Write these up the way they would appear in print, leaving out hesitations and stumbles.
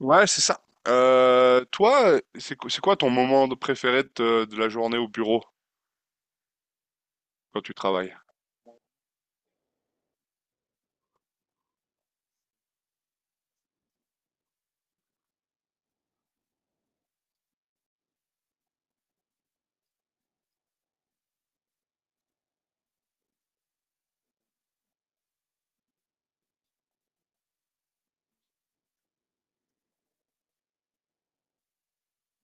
Ouais, c'est ça. Toi, c'est quoi ton préféré de la journée au bureau quand tu travailles?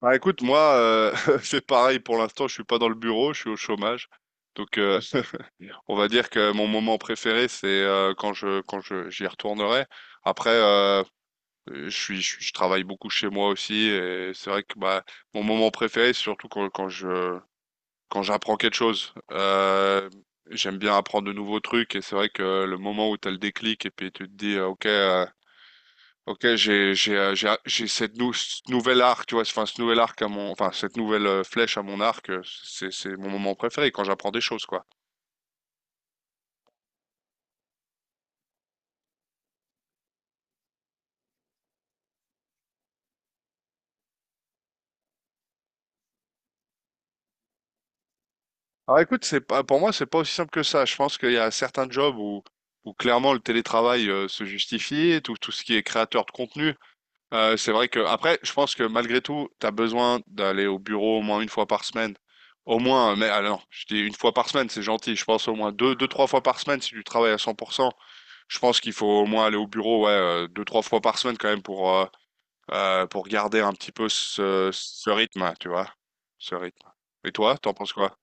Bah écoute, moi, c'est pareil pour l'instant, je suis pas dans le bureau, je suis au chômage. Donc, on va dire que mon moment préféré, c'est quand je, j'y retournerai. Après, je travaille beaucoup chez moi aussi, et c'est vrai que bah, mon moment préféré, c'est surtout quand quand j'apprends quelque chose. J'aime bien apprendre de nouveaux trucs et c'est vrai que le moment où tu as le déclic et puis tu te dis OK, j'ai cette nou ce nouvel arc, tu vois, enfin ce nouvel arc à mon enfin cette nouvelle flèche à mon arc, c'est mon moment préféré quand j'apprends des choses quoi. Alors écoute, c'est pas pour moi, c'est pas aussi simple que ça. Je pense qu'il y a certains jobs où clairement le télétravail se justifie, tout ce qui est créateur de contenu. C'est vrai que après, je pense que malgré tout, tu as besoin d'aller au bureau au moins une fois par semaine. Au moins, mais alors, je dis une fois par semaine, c'est gentil. Je pense au moins deux, trois fois par semaine si tu travailles à 100%. Je pense qu'il faut au moins aller au bureau, ouais, deux, trois fois par semaine quand même pour garder un petit peu ce rythme, tu vois, ce rythme. Et toi, t'en penses quoi?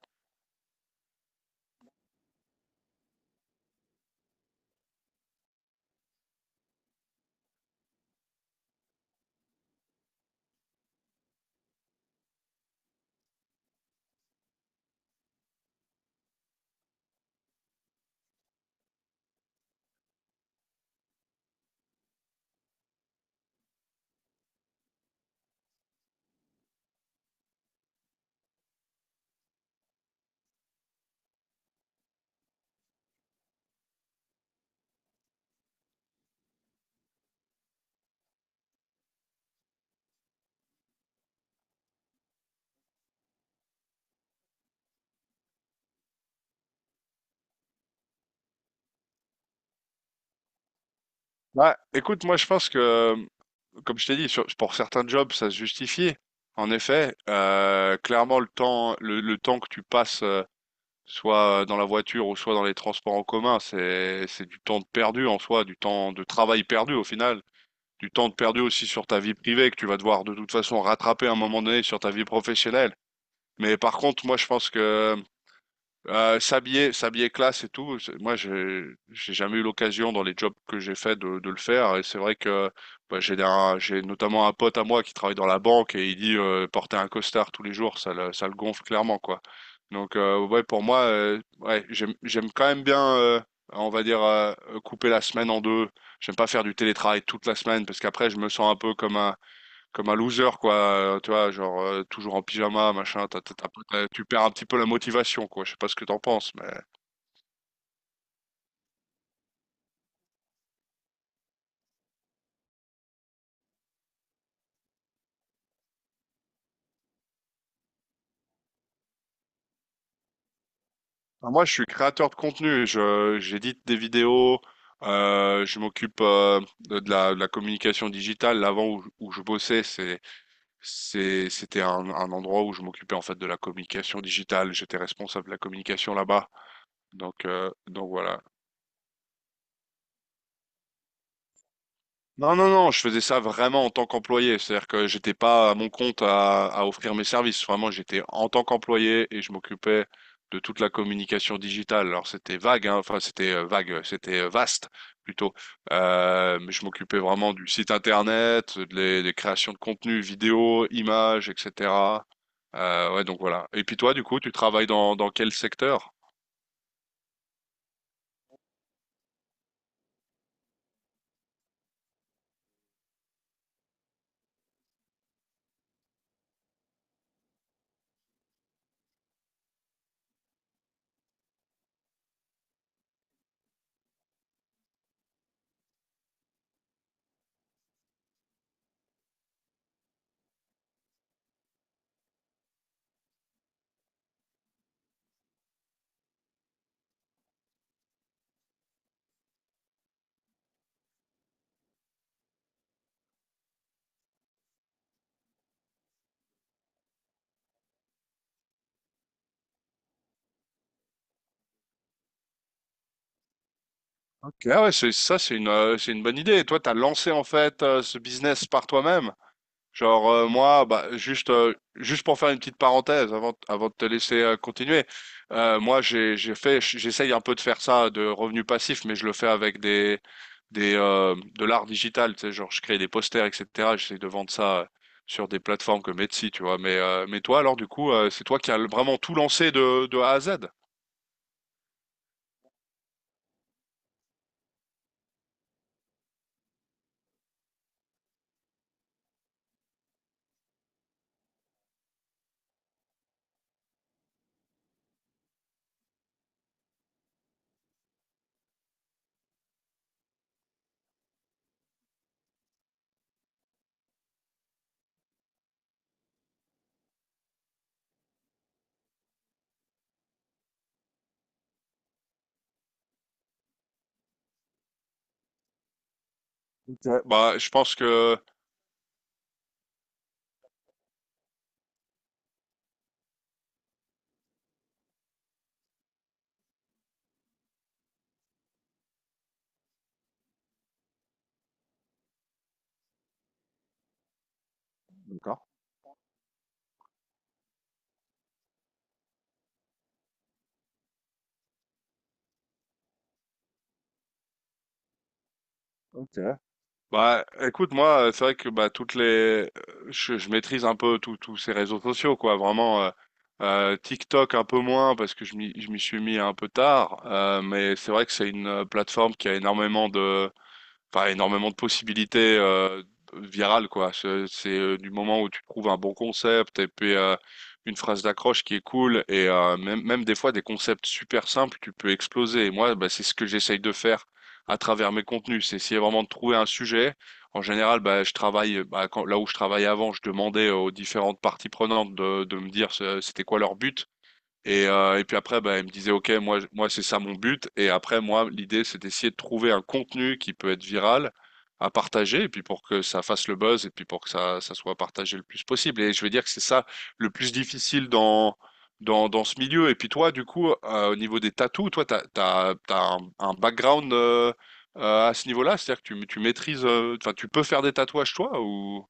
Bah, écoute, moi, comme je t'ai dit, pour certains jobs, ça se justifie. En effet, clairement, le temps que tu passes soit dans la voiture ou soit dans les transports en commun, c'est du temps de perdu en soi, du temps de travail perdu au final, du temps de perdu aussi sur ta vie privée que tu vas devoir de toute façon rattraper à un moment donné sur ta vie professionnelle. Mais par contre, moi je pense que s'habiller classe et tout. Moi, j'ai jamais eu l'occasion dans les jobs que j'ai fait de le faire. Et c'est vrai que bah, j'ai notamment un pote à moi qui travaille dans la banque et il dit porter un costard tous les jours, ça le gonfle clairement, quoi. Donc, ouais, pour moi, ouais, j'aime quand même bien, on va dire, couper la semaine en deux. J'aime pas faire du télétravail toute la semaine parce qu'après, je me sens un peu comme un loser, quoi, tu vois? Genre, toujours en pyjama, machin. T'as, t'as, tu as tu perds un petit peu la motivation, quoi. Je sais pas ce que t'en penses, mais bah, moi, je suis créateur de contenu. Je j'édite des vidéos, je m'occupe, de la communication digitale. L'avant où je bossais, c'était un endroit où je m'occupais, en fait, de la communication digitale. J'étais responsable de la communication là-bas, donc voilà. Non, non, non, je faisais ça vraiment en tant qu'employé. C'est-à-dire que j'étais pas à mon compte à offrir mes services. Vraiment, j'étais en tant qu'employé et je m'occupais de toute la communication digitale. Alors, c'était vague, hein. Enfin, c'était vague, c'était vaste plutôt. Mais je m'occupais vraiment du site internet, des créations de contenu, vidéos, images, etc. Ouais, donc voilà. Et puis toi, du coup, tu travailles dans quel secteur? Ok. Ah ouais, c'est ça, c'est c'est une bonne idée. Et toi, t'as lancé en fait ce business par toi-même. Genre moi, bah, juste pour faire une petite parenthèse avant de te laisser continuer, moi j'essaye un peu de faire ça de revenus passifs, mais je le fais avec des de l'art digital, tu sais, genre je crée des posters, etc. J'essaie de vendre ça sur des plateformes comme Etsy, tu vois. Mais toi alors du coup, c'est toi qui as vraiment tout lancé de A à Z. Ouais. Bah je pense que bah, écoute, moi, c'est vrai que bah, je maîtrise un peu tous ces réseaux sociaux, quoi. Vraiment, TikTok un peu moins parce que je m'y suis mis un peu tard, mais c'est vrai que c'est une plateforme qui a enfin énormément de possibilités virales quoi. Du moment où tu trouves un bon concept et puis une phrase d'accroche qui est cool et même des fois des concepts super simples, tu peux exploser. Et moi, bah, c'est ce que j'essaye de faire à travers mes contenus, c'est essayer vraiment de trouver un sujet. En général, bah, je travaille bah, quand- là où je travaillais avant, je demandais aux différentes parties prenantes de me dire c'était quoi leur but. Et puis après, bah, il me disait, OK, moi, moi c'est ça mon but. Et après, moi, l'idée, c'est d'essayer de trouver un contenu qui peut être viral à partager, et puis pour que ça fasse le buzz, et puis pour que ça soit partagé le plus possible. Et je veux dire que c'est ça le plus difficile dans ce milieu. Et puis toi, du coup, au niveau des tatous, toi, tu as, t'as, t'as t'as un background à ce niveau-là, c'est-à-dire que tu maîtrises, enfin, tu peux faire des tatouages, toi, ou...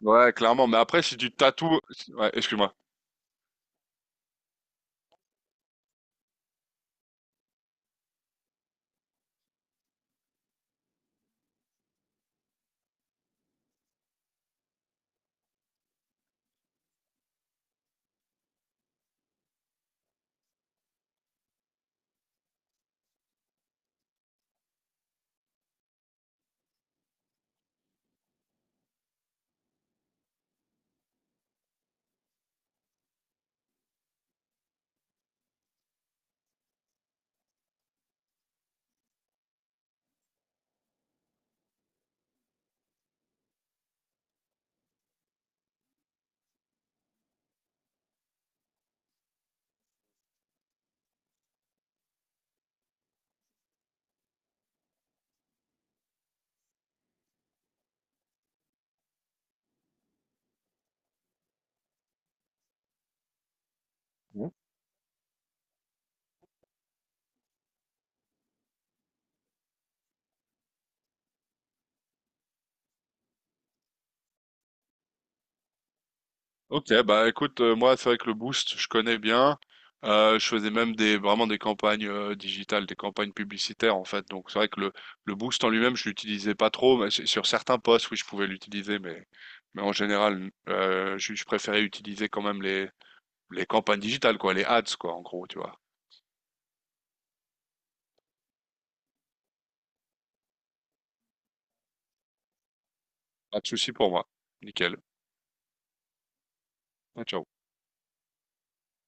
Ouais, clairement. Mais après, si tu tatoues... Ouais, excuse-moi. Ok, bah écoute, moi c'est vrai que le Boost, je connais bien. Je faisais même des vraiment des campagnes digitales, des campagnes publicitaires en fait. Donc c'est vrai que le Boost en lui-même, je l'utilisais pas trop, mais sur certains postes, oui, je pouvais l'utiliser, mais en général, je préférais utiliser quand même les campagnes digitales, quoi, les ads, quoi, en gros, tu vois. Pas de souci pour moi. Nickel. Ah, ciao.